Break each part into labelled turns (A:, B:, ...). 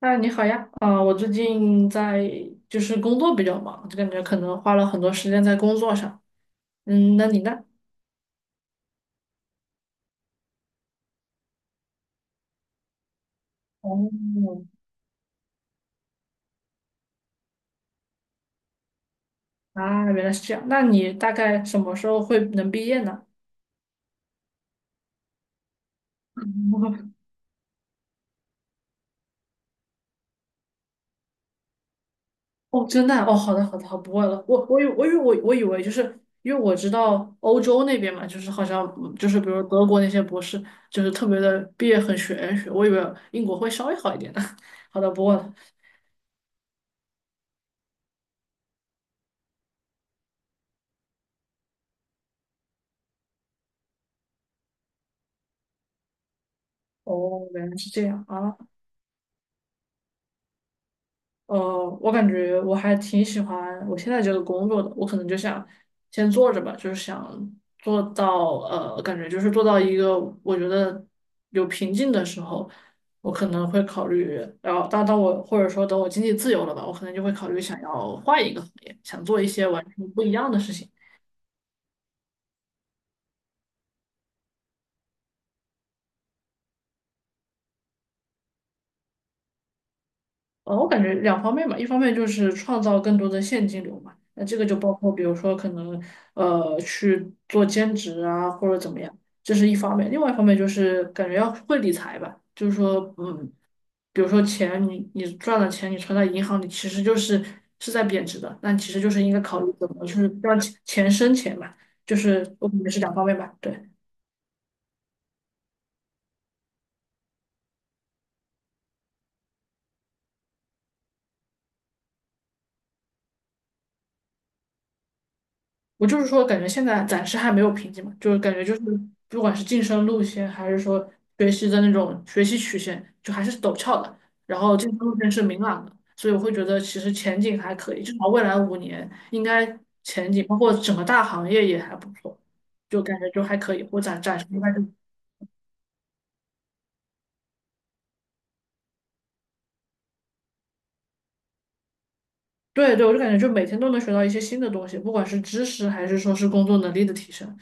A: 啊，你好呀，啊、我最近在就是工作比较忙，就感觉可能花了很多时间在工作上。嗯，那你呢？哦，啊，原来是这样。那你大概什么时候会能毕业呢？哦，真的啊？哦，好的，好的，好，不问了。我以为就是因为我知道欧洲那边嘛，就是好像就是比如德国那些博士，就是特别的毕业很玄学，我以为英国会稍微好一点的。好的，不问了。哦，原来是这样啊。呃，我感觉我还挺喜欢我现在这个工作的，我可能就想先做着吧，就是想做到感觉就是做到一个我觉得有瓶颈的时候，我可能会考虑，然后当我或者说等我经济自由了吧，我可能就会考虑想要换一个行业，想做一些完全不一样的事情。我感觉两方面吧，一方面就是创造更多的现金流嘛，那这个就包括比如说可能去做兼职啊或者怎么样，这是一方面；另外一方面就是感觉要会理财吧，就是说比如说钱你赚了钱你存在银行里其实是在贬值的，那其实就是应该考虑怎么去让钱钱生钱嘛，就是我感觉是两方面吧，对。我就是说，感觉现在暂时还没有瓶颈嘛，就是感觉就是不管是晋升路线，还是说学习的那种学习曲线，就还是陡峭的。然后晋升路线是明朗的，所以我会觉得其实前景还可以，至少未来5年应该前景，包括整个大行业也还不错，就感觉就还可以。我暂时应该就对对，我就感觉就每天都能学到一些新的东西，不管是知识还是说是工作能力的提升。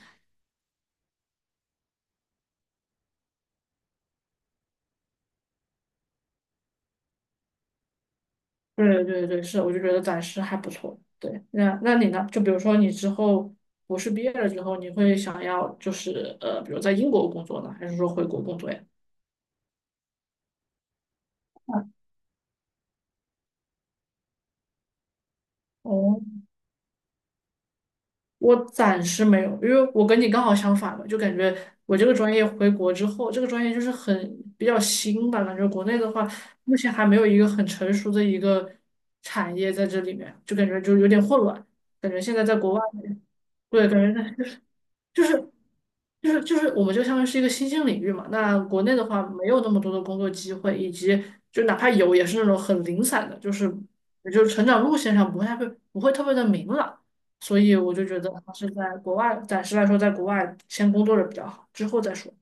A: 对对对，是，我就觉得暂时还不错。对，那你呢？就比如说你之后博士毕业了之后，你会想要就是比如在英国工作呢，还是说回国工作呀？哦，我暂时没有，因为我跟你刚好相反嘛，就感觉我这个专业回国之后，这个专业就是比较新吧，感觉国内的话目前还没有一个很成熟的一个产业在这里面，就感觉就有点混乱，感觉现在在国外，对，感觉在。就是就是我们就相当于是一个新兴领域嘛。那国内的话，没有那么多的工作机会，以及就哪怕有，也是那种很零散的，就是也就是成长路线上不会特别的明朗。所以我就觉得还是在国外，暂时来说，在国外先工作着比较好，之后再说。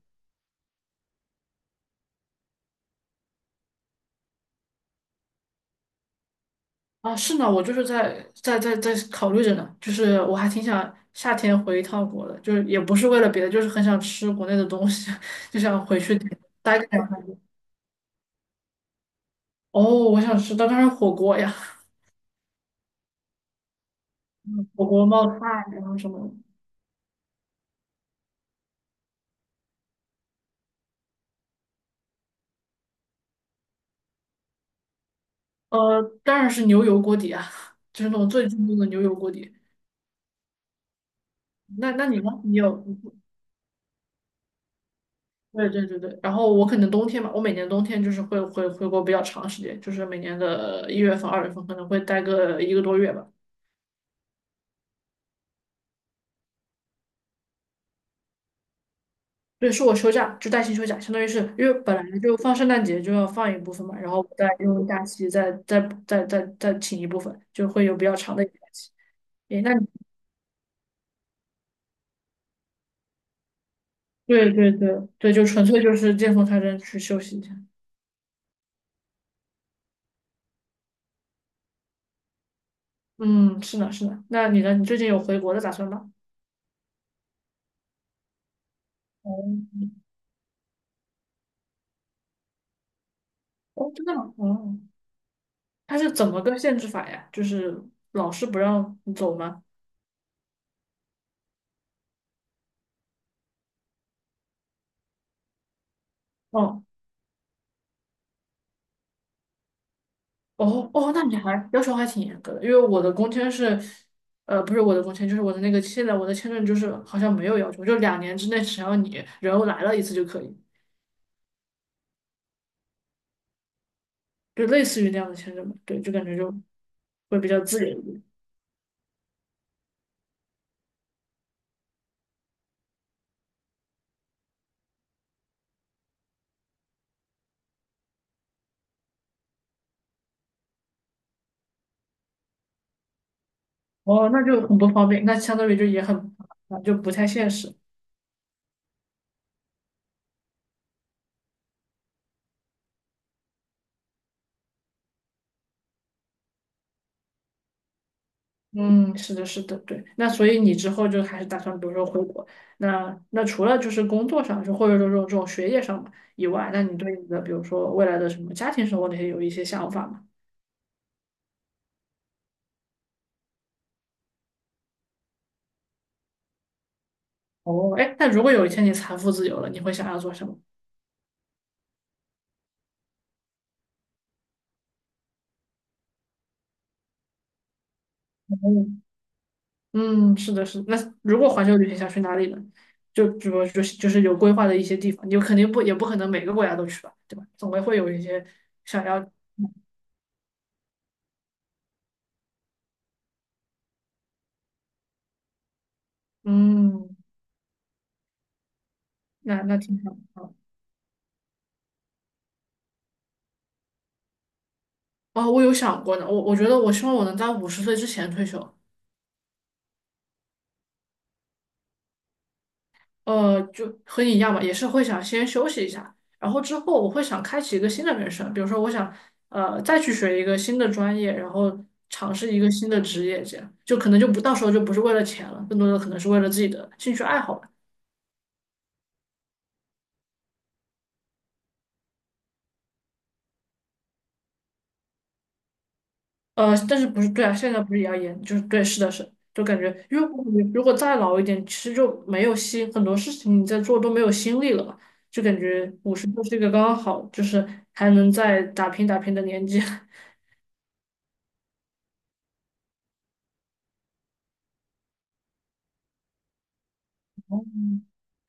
A: 啊，是呢，我就是在考虑着呢，就是我还挺想夏天回一趟国的，就是也不是为了别的，就是很想吃国内的东西，就想回去待个2天。哦，我想吃，当然是火锅呀。火锅冒菜，然后什么的当然是牛油锅底啊，就是那种最正宗的牛油锅底。那你呢？你有？你对对对对。然后我可能冬天嘛，我每年冬天就是会回国比较长时间，就是每年的1月份、2月份可能会待个1个多月吧。对，是我休假，就带薪休假，相当于是因为本来就放圣诞节就要放一部分嘛，然后我再用假期再再再再再请一部分，就会有比较长的一个假期。诶，对对对对，就纯粹就是见缝插针去休息一下。嗯，是的，是的。那你呢？你最近有回国的打算吗？哦，哦，真的吗？哦，他是怎么个限制法呀？就是老师不让你走吗？哦，哦，哦，那你还要求还挺严格的，因为我的工签是，不是我的工签，就是我的那个现在我的签证就是好像没有要求，就2年之内只要你人来了一次就可以，就类似于那样的签证嘛。对，就感觉就会比较自由一点。哦，那就很不方便，那相当于就也很，就不太现实。嗯，是的，是的，对。那所以你之后就还是打算，比如说回国，那除了就是工作上，就或者说这种学业上嘛以外，那你对你的比如说未来的什么家庭生活那些有一些想法吗？哦，哎，那如果有一天你财富自由了，你会想要做什么？嗯，嗯，是的，是的。那如果环球旅行想去哪里呢？就比如就是就是有规划的一些地方，你肯定不也不可能每个国家都去吧，对吧？总归会有一些想要，嗯，那那挺好。哦，我有想过呢，我觉得我希望我能在五十岁之前退休，就和你一样吧，也是会想先休息一下，然后之后我会想开启一个新的人生，比如说我想再去学一个新的专业，然后尝试一个新的职业，这样就可能就不到时候就不是为了钱了，更多的可能是为了自己的兴趣爱好。但是不是对啊？现在不是也要严？就是对，是的是，就感觉，因为我感觉如果再老一点，其实就没有心，很多事情你在做都没有心力了吧？就感觉五十就是一个刚刚好，就是还能再打拼打拼的年纪。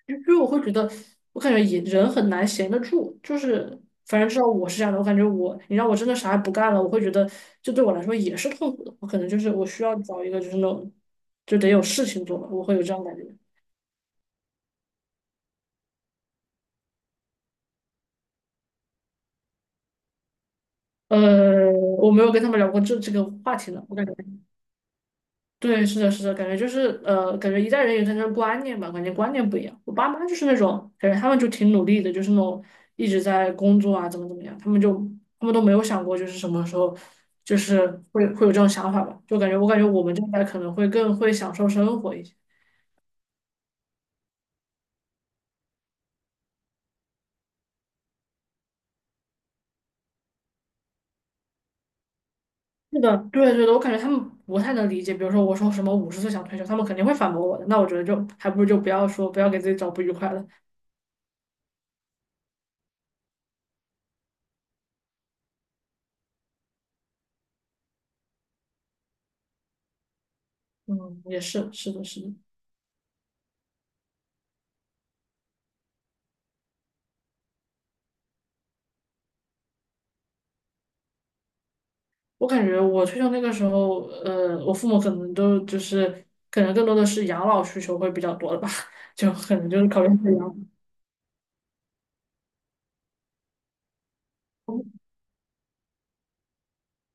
A: 因为我会觉得，我感觉也人很难闲得住，就是反正至少我是这样的，我感觉你让我真的啥也不干了，我会觉得这对我来说也是痛苦的。我可能就是我需要找一个就是那种就得有事情做吧，我会有这样的感觉。呃，我没有跟他们聊过这个话题呢。我感觉，对，是的，是的，感觉就是感觉一代人有一代人的观念吧，感觉观念不一样。我爸妈就是那种感觉，他们就挺努力的，就是那种一直在工作啊，怎么怎么样，他们都没有想过就是什么时候就是会有这种想法吧。就感觉我感觉我们这一代可能会更会享受生活一些。是的，对对的，我感觉他们不太能理解。比如说我说什么五十岁想退休，他们肯定会反驳我的。那我觉得就还不如就不要说，不要给自己找不愉快了。嗯，也是，是的，是的。我感觉我退休那个时候，我父母可能都就是可能更多的是养老需求会比较多的吧，就可能就是考虑己养老。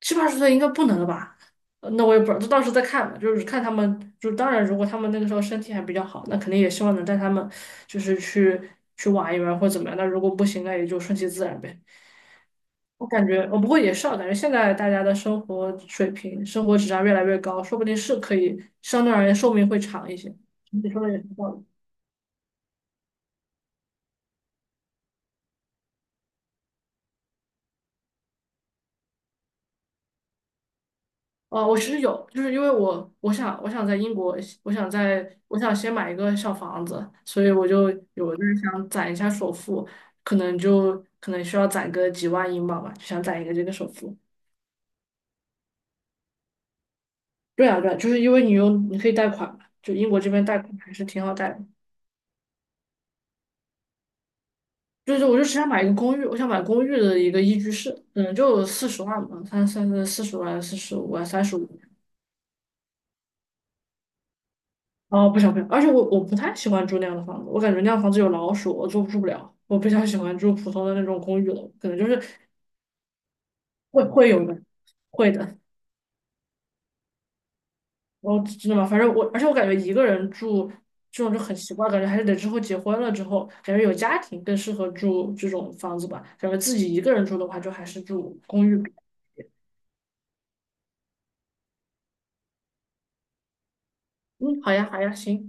A: 七八十岁应该不能了吧？那我也不知道，就到时候再看吧。就是看他们，就当然如果他们那个时候身体还比较好，那肯定也希望能带他们就是去玩一玩或怎么样。那如果不行，那也就顺其自然呗。我感觉，我不过也是啊，感觉现在大家的生活水平、生活质量越来越高，说不定是可以相对而言寿命会长一些。你说的也是道理。哦，我其实有，就是因为我想在英国，我想先买一个小房子，所以我就有就是想攒一下首付，可能就可能需要攒个几万英镑吧，就想攒一个这个首付。对啊，对啊，就是因为你可以贷款嘛，就英国这边贷款还是挺好贷的。就是我就只想买一个公寓，我想买公寓的一个一居室，嗯，就四十万吧，三四十万、45万、三十五。哦，不想不想，而且我我不太喜欢住那样的房子，我感觉那样房子有老鼠，我住住不了。我比较喜欢住普通的那种公寓楼，可能就是会有的，会的。我真的吗？反正我，而且我感觉一个人住这种就很奇怪，感觉还是得之后结婚了之后，感觉有家庭更适合住这种房子吧。感觉自己一个人住的话，就还是住公寓比嗯，好呀，好呀，行。